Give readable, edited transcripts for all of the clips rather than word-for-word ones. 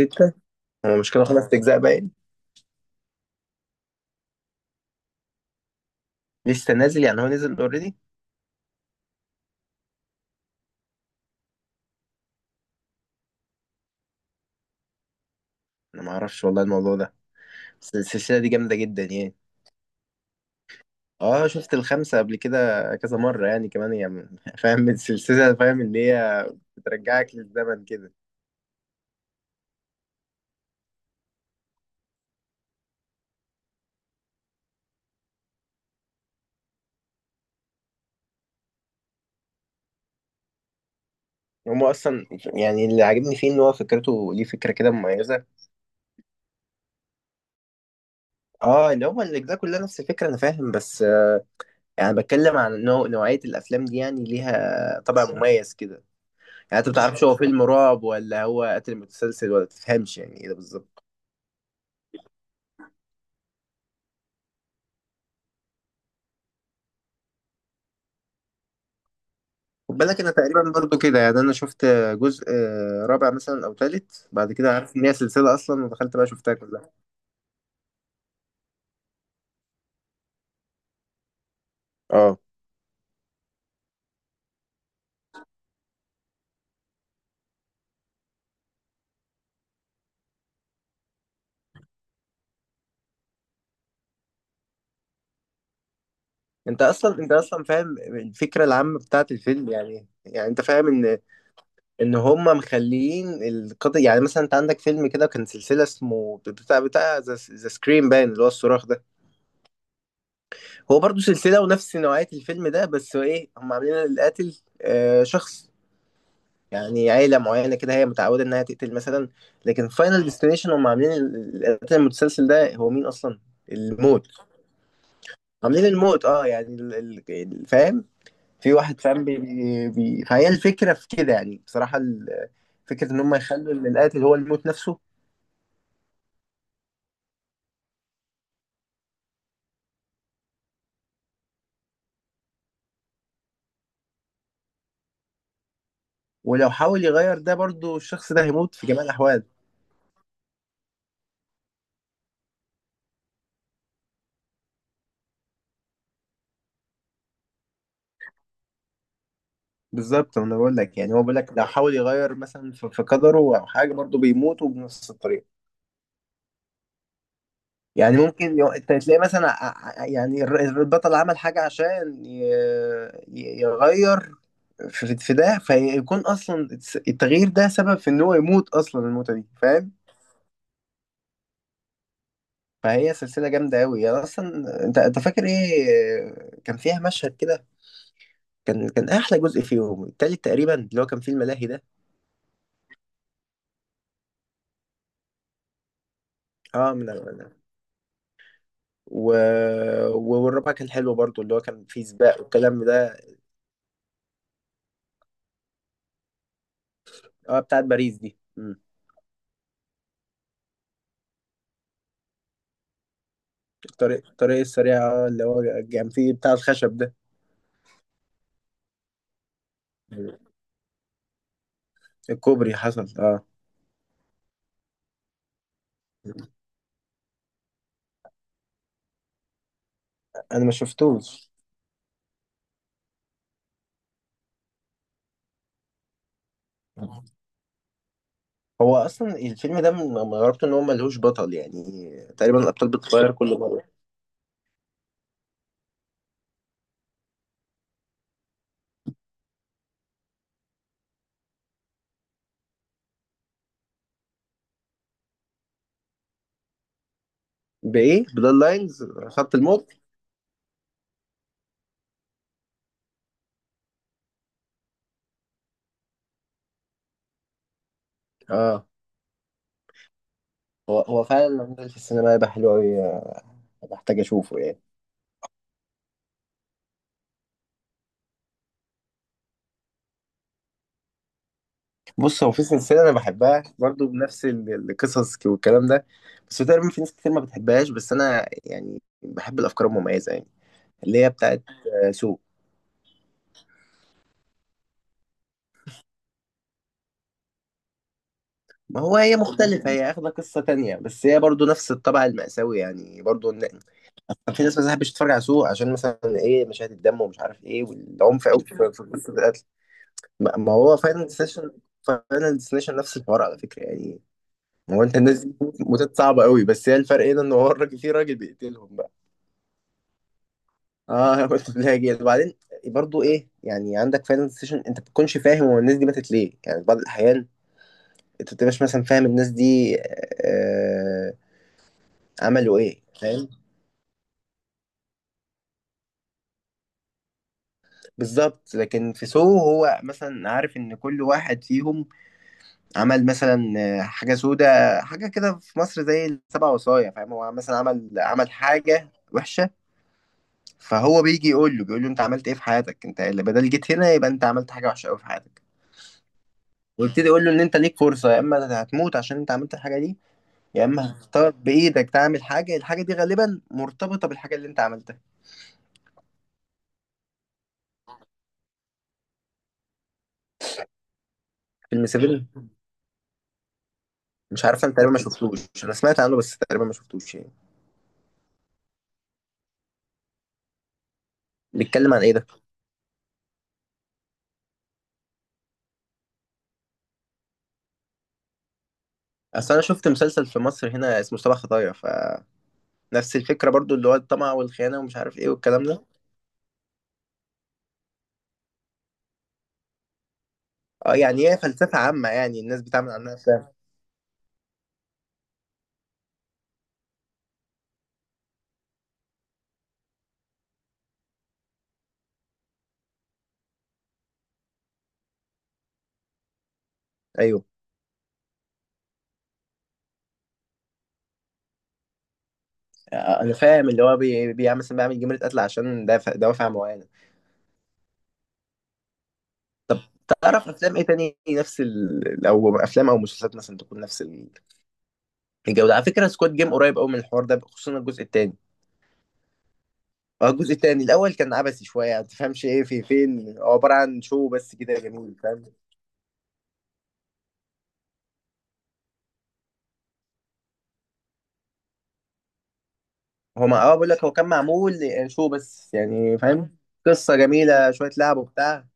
ستة هو مش كده خمس أجزاء باين؟ لسه نازل يعني، هو نزل اوريدي؟ أنا ما أعرفش والله الموضوع ده. بس السلسلة دي جامدة جدا يعني. اه، شفت الخمسة قبل كده كذا مرة يعني، كمان يعني. فاهم السلسلة، فاهم اللي هي بترجعك للزمن كده. هما اصلا يعني اللي عاجبني فيه ان هو فكرته، ليه فكره كده مميزه. اه، اللي هو الاجزاء كلها نفس الفكره، انا فاهم، بس يعني بتكلم عن نوعيه الافلام دي، يعني ليها طابع مميز كده. يعني انت ما بتعرفش هو فيلم رعب ولا هو قتل متسلسل، ولا تفهمش يعني ايه ده بالظبط. خد بالك انا تقريبا برضو كده، يعني انا شفت جزء رابع مثلا او تالت، بعد كده عارف ان هي سلسله اصلا، ودخلت بقى شفتها كلها. اه، انت اصلا فاهم الفكره العامه بتاعت الفيلم، يعني انت فاهم ان هم مخليين القضيه. يعني مثلا انت عندك فيلم كده كان سلسله اسمه بتاع ذا سكريم باين، اللي هو الصراخ ده. هو برضو سلسله، ونفس نوعيه الفيلم ده، بس هو ايه، هم عاملين القاتل شخص، يعني عيلة معينة كده هي متعودة إنها تقتل مثلا. لكن فاينل ديستنيشن هم عاملين القتل المتسلسل ده هو مين أصلا؟ الموت. عاملين الموت اه، يعني فاهم؟ في واحد فاهم، فهي الفكرة في كده، يعني بصراحة فكرة إن هم يخلوا إن القاتل هو الموت نفسه. ولو حاول يغير ده، برضو الشخص ده هيموت في جميع الأحوال. بالظبط، أنا بقول لك، يعني هو بيقول لك لو حاول يغير مثلا في قدره أو حاجة، برضو بيموت وبنفس الطريقة. يعني ممكن انت تلاقي مثلا يعني البطل عمل حاجة عشان يغير في ده، فيكون اصلا التغيير ده سبب في ان هو يموت اصلا الموتة دي، فاهم. فهي سلسلة جامدة أوي يعني أصلا. أنت فاكر إيه كان فيها مشهد كده؟ كان أحلى جزء فيهم التالت تقريبا، اللي هو كان فيه الملاهي ده. أه، و... والرابع كان حلو برضو، اللي هو كان فيه سباق والكلام ده. أه، بتاعت باريس دي. الطريق السريع اه، اللي هو كان فيه بتاع الخشب ده. الكوبري، حصل اه. انا ما شفتوش. هو اصلا الفيلم ده من غرابته ان هو ملهوش بطل يعني، تقريبا الابطال بتتغير كل مره. بايه، بلاد لاينز؟ خط الموت. اه، هو فعلا، الراجل في السينما يبقى حلو قوي، بحتاج اشوفه يعني. بص، هو في سلسله انا بحبها برضو بنفس القصص والكلام ده. بس هو تقريبا في ناس كتير ما بتحبهاش، بس انا يعني بحب الافكار المميزه يعني. اللي هي بتاعت سو. ما هو هي مختلفة، هي اخدة قصة تانية، بس هي برضو نفس الطبع المأساوي، يعني برضو كان في ناس ما تحبش تتفرج على سوق عشان مثلا ايه، مشاهد الدم ومش عارف ايه، والعنف قوي في قصة القتل. ما هو فاينل ديستنيشن، فاينل ديستنيشن نفس الحوار على فكرة يعني. هو انت الناس دي موتات صعبة قوي، بس هي الفرق هنا ان هو الراجل، في راجل بيقتلهم بقى. اه، قلت لها جيل وبعدين. برضو ايه يعني، عندك فاينل ديستنيشن انت ما بتكونش فاهم هو الناس دي ماتت ليه يعني، في بعض الاحيان انت ما بتبقاش مثلا فاهم الناس دي آه، عملوا ايه، فاهم. بالظبط، لكن في سو هو مثلا عارف ان كل واحد فيهم عمل مثلا حاجه سودة، حاجه كده في مصر زي السبع وصايا، فاهم، هو مثلا عمل حاجه وحشه. فهو بيجي يقول له بيقول له انت عملت ايه في حياتك، انت اللي بدل جيت هنا، يبقى انت عملت حاجه وحشه قوي في حياتك. ويبتدي يقول له ان انت ليك فرصه، يا اما هتموت عشان انت عملت الحاجه دي، يا اما هتختار بايدك تعمل حاجه، الحاجه دي غالبا مرتبطه بالحاجه اللي انت عملتها. فيلم سيفن، مش عارف، انا تقريبا ما شفتوش، انا سمعت عنه بس تقريبا ما شفتوش يعني. بيتكلم عن ايه ده؟ اصل انا شفت مسلسل في مصر هنا اسمه سبع خطايا، فنفس الفكره برضو، اللي هو الطمع والخيانه ومش عارف ايه والكلام ده. اه، يعني هي فلسفه عامه يعني، الناس بتعمل عنها افلام. ايوه. انا فاهم اللي هو بيعمل مثلا، بيعمل جمله قتل عشان دوافع معينه. تعرف افلام ايه تاني نفس او افلام او مسلسلات مثلا تكون نفس الجوده؟ على فكره سكواد جيم قريب قوي من الحوار ده، خصوصا الجزء التاني. اه، الجزء التاني، الاول كان عبثي شويه، ما تفهمش ايه في فين، هو عباره عن شو بس كده جميل، فاهم. هو ما بقول لك هو كان معمول شو بس يعني، فاهم. قصه جميله شويه لعب وبتاع.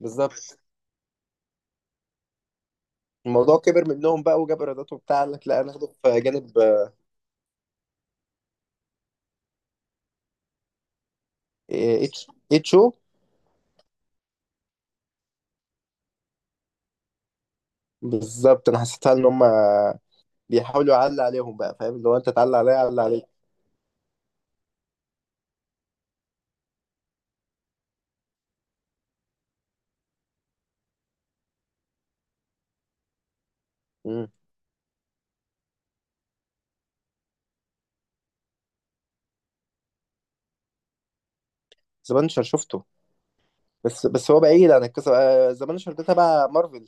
بالظبط. الموضوع كبر منهم بقى وجاب ايرادات وبتاع، قال لك لا ناخده في جانب HHO. بالظبط، انا حسيتها ان هم بيحاولوا يعلى عليهم بقى، فاهم، اللي هو انت تعلى عليا، عليك. امم. زبانشر شفته. بس هو بعيد عن القصه، زبانشر ده تبع مارفل.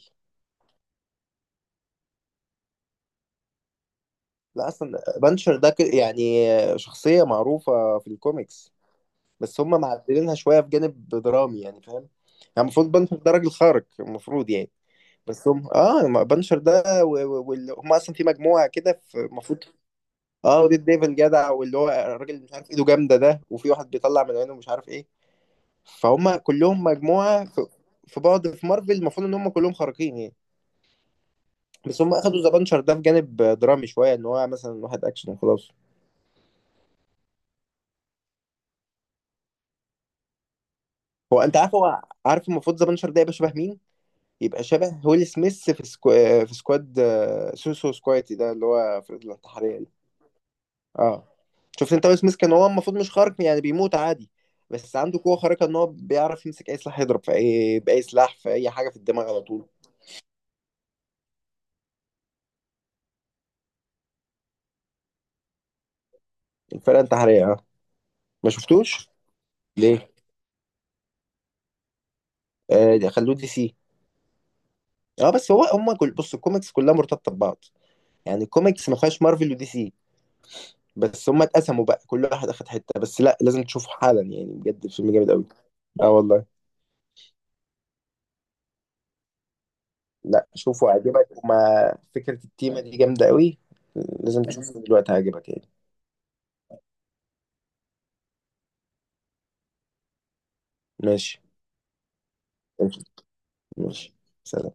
لا، اصلا بانشر ده يعني شخصيه معروفه في الكوميكس. بس هم معدلينها شويه في جانب درامي يعني، فاهم يعني. المفروض بنشر ده راجل خارق المفروض يعني. بس هم ما بنشر ده واللي هم اصلا في مجموعه كده، في المفروض. اه، وديد ديفل جدع، واللي هو الراجل مش عارف، ايده جامده ده، وفي واحد بيطلع من عينه مش عارف ايه. فهم كلهم مجموعه في بعض، في مارفل المفروض ان هم كلهم خارقين يعني. بس هم اخدوا ذا بنشر ده في جانب درامي شويه، ان هو مثلا واحد اكشن وخلاص. هو انت عارف، هو عارف المفروض ذا بنشر ده يبقى شبه مين؟ يبقى شبه ويل سميث في في سكواد، سكواتي ده، اللي هو في الانتحارية ده. اه، شفت انت ويل سميث كان هو المفروض مش خارق، يعني بيموت عادي، بس عنده قوة خارقة ان هو بيعرف يمسك اي سلاح، يضرب في بأي سلاح في اي حاجة في الدماغ على طول. الفرقة انتحارية اه. ما شفتوش. ليه؟ آه ده خلوه دي سي. اه، بس هو هم كل، بص الكوميكس كلها مرتبطة ببعض، يعني الكوميكس ما فيهاش مارفل ودي سي، بس هم اتقسموا بقى كل واحد اخد حتة، بس لا، لازم تشوفه حالا يعني، بجد الفيلم جامد قوي. اه والله. لا شوفه هيعجبك، وما فكرة التيمة دي جامدة قوي، لازم تشوفه دلوقتي هيعجبك يعني. ماشي، ماشي، ماشي. سلام